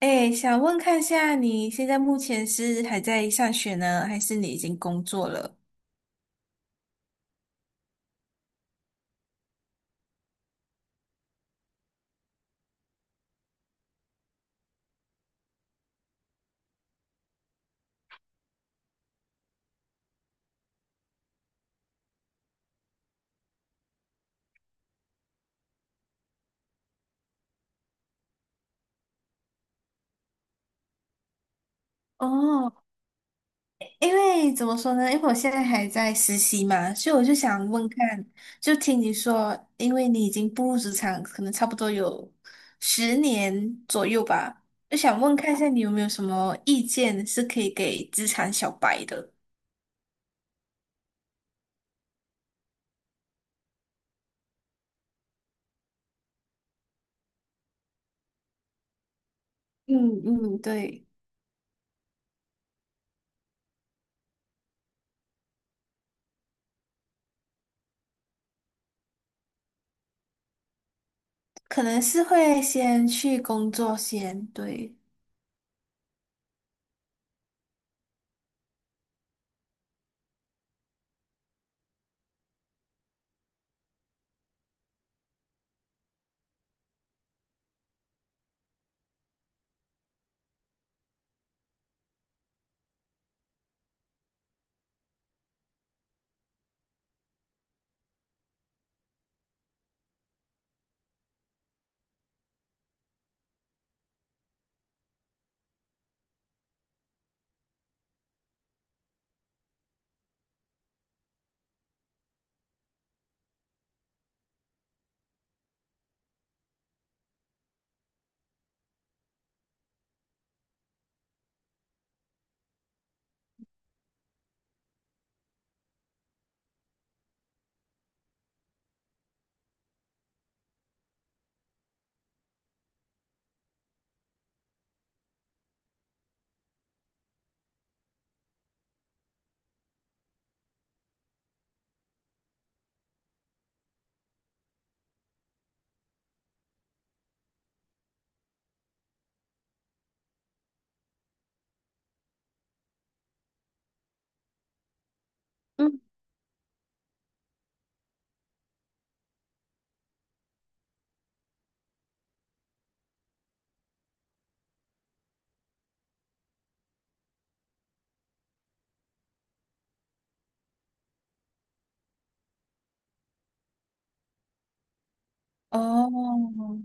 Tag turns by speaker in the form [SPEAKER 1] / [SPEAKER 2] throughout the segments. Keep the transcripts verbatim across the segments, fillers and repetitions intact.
[SPEAKER 1] 哎，想问看下，你现在目前是还在上学呢，还是你已经工作了？哦，因为怎么说呢？因为我现在还在实习嘛，所以我就想问看，就听你说，因为你已经步入职场，可能差不多有十年左右吧，就想问看一下你有没有什么意见是可以给职场小白的？嗯嗯，对，可能是会先去工作先，对。嗯，哦，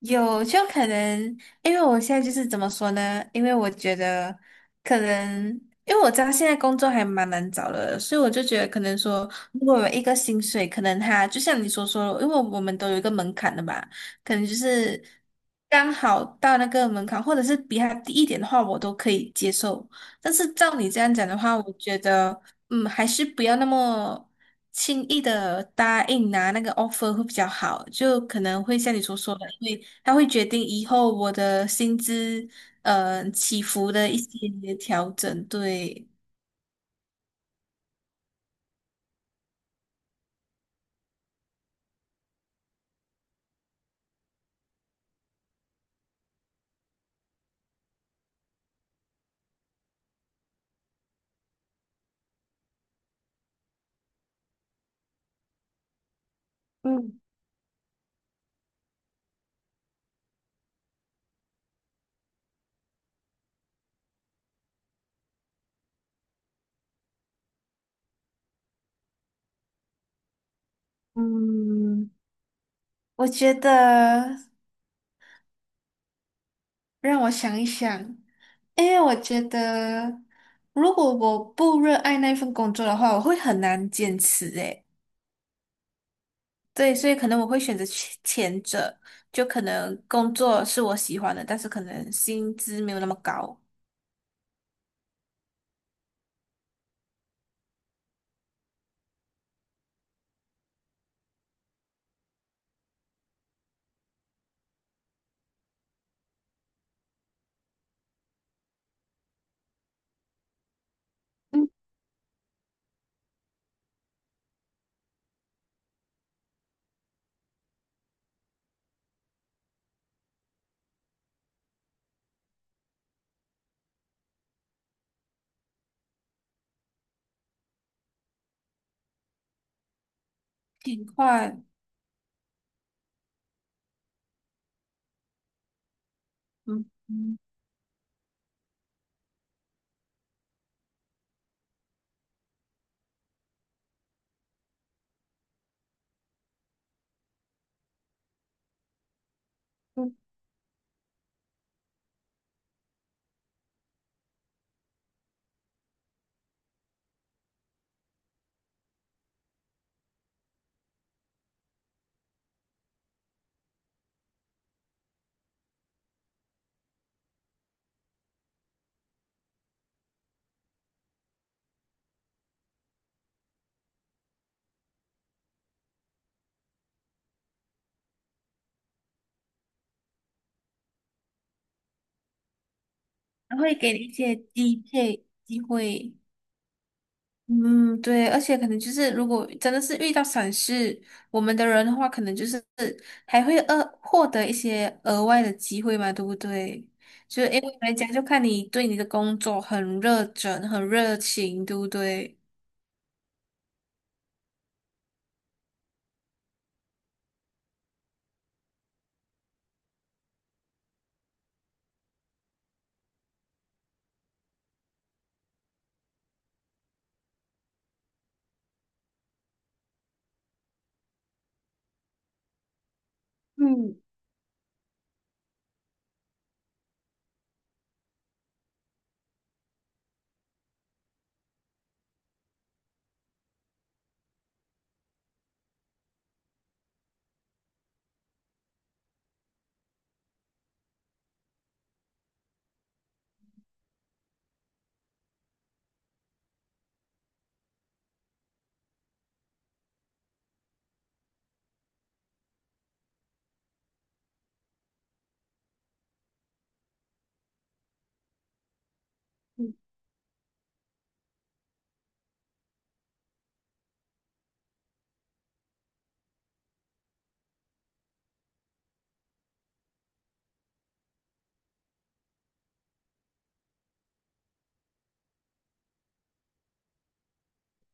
[SPEAKER 1] 有，就可能，因为我现在就是怎么说呢？因为我觉得可能，因为我知道现在工作还蛮难找的，所以我就觉得可能说，如果有一个薪水，可能他就像你所说的因为我们都有一个门槛的嘛，可能就是刚好到那个门槛，或者是比它低一点的话，我都可以接受。但是照你这样讲的话，我觉得，嗯，还是不要那么，轻易的答应拿那个 offer 会比较好，就可能会像你所说的，它会决定以后我的薪资呃起伏的一些调整。对，嗯嗯，我觉得让我想一想，因为我觉得如果我不热爱那份工作的话，我会很难坚持诶。对，所以可能我会选择前前者，就可能工作是我喜欢的，但是可能薪资没有那么高。嗯，挺快，嗯嗯。还会给你一些低配机会。嗯，对，而且可能就是如果真的是遇到闪失我们的人的话，可能就是还会额获得一些额外的机会嘛，对不对？就因为人家就看你对你的工作很热忱、很热情，对不对？嗯，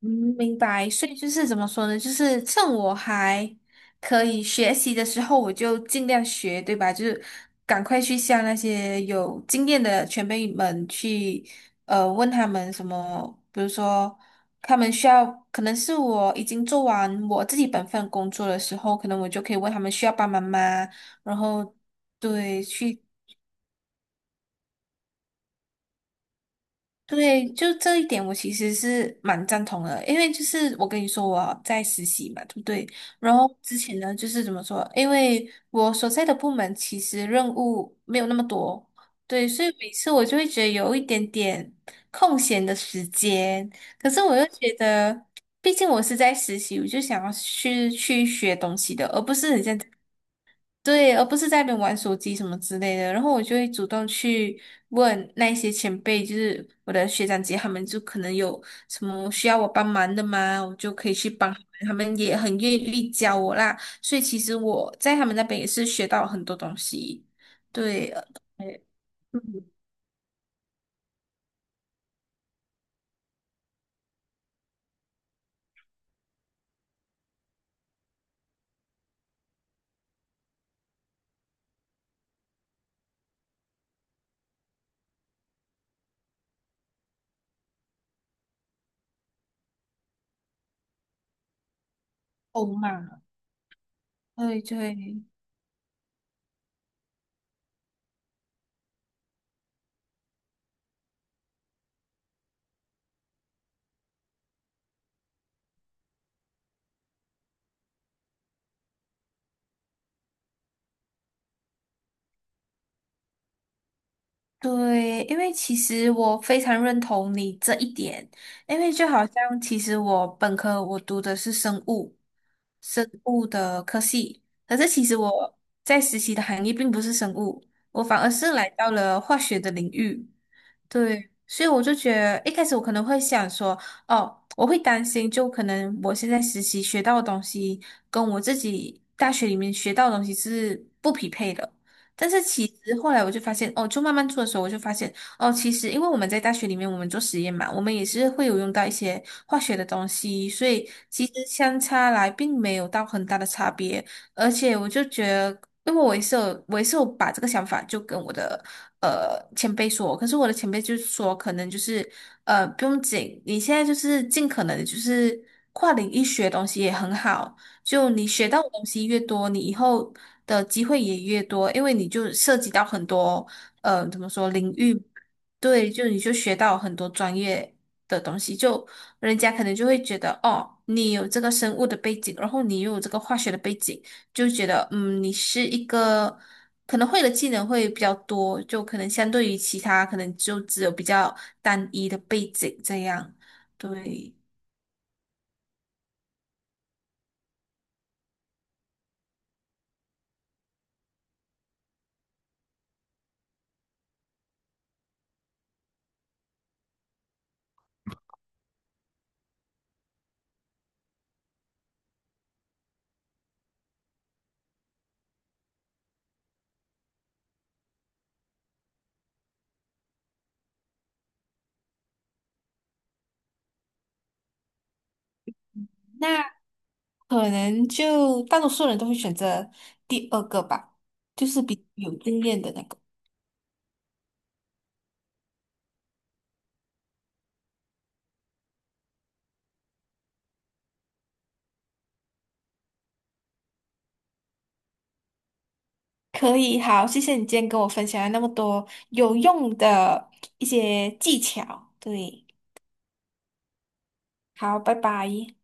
[SPEAKER 1] 嗯，明白。所以就是怎么说呢？就是趁我还可以学习的时候，我就尽量学，对吧？就是赶快去向那些有经验的前辈们去，呃，问他们什么，比如说他们需要，可能是我已经做完我自己本份工作的时候，可能我就可以问他们需要帮忙吗？然后对，去。对，就这一点，我其实是蛮赞同的，因为就是我跟你说我在实习嘛，对不对？然后之前呢，就是怎么说？因为我所在的部门其实任务没有那么多，对，所以每次我就会觉得有一点点空闲的时间，可是我又觉得，毕竟我是在实习，我就想要去去学东西的，而不是你像对，而不是在那边玩手机什么之类的。然后我就会主动去问那一些前辈，就是我的学长姐，他们就可能有什么需要我帮忙的吗？我就可以去帮他们，他们也很愿意教我啦。所以其实我在他们那边也是学到很多东西。对，呃对，嗯，欧嘛，对对。对，因为其实我非常认同你这一点，因为就好像其实我本科我读的是生物，生物的科系，可是其实我在实习的行业并不是生物，我反而是来到了化学的领域。对，所以我就觉得一开始我可能会想说，哦，我会担心，就可能我现在实习学到的东西跟我自己大学里面学到的东西是不匹配的。但是其实后来我就发现，哦，就慢慢做的时候，我就发现，哦，其实因为我们在大学里面我们做实验嘛，我们也是会有用到一些化学的东西，所以其实相差来并没有到很大的差别。而且我就觉得，因为我也是有，我也是有把这个想法就跟我的呃前辈说，可是我的前辈就说，可能就是呃不用紧，你现在就是尽可能就是跨领域学东西也很好，就你学到的东西越多，你以后的机会也越多，因为你就涉及到很多呃怎么说领域，对，就你就学到很多专业的东西，就人家可能就会觉得哦，你有这个生物的背景，然后你又有这个化学的背景。就觉得，嗯，你是一个可能会的技能会比较多，就可能相对于其他，可能就只有比较单一的背景这样。对，那可能就大多数人都会选择第二个吧，就是比较有经验的那个。可以，好，谢谢你今天跟我分享了那么多有用的一些技巧。对，好，拜拜。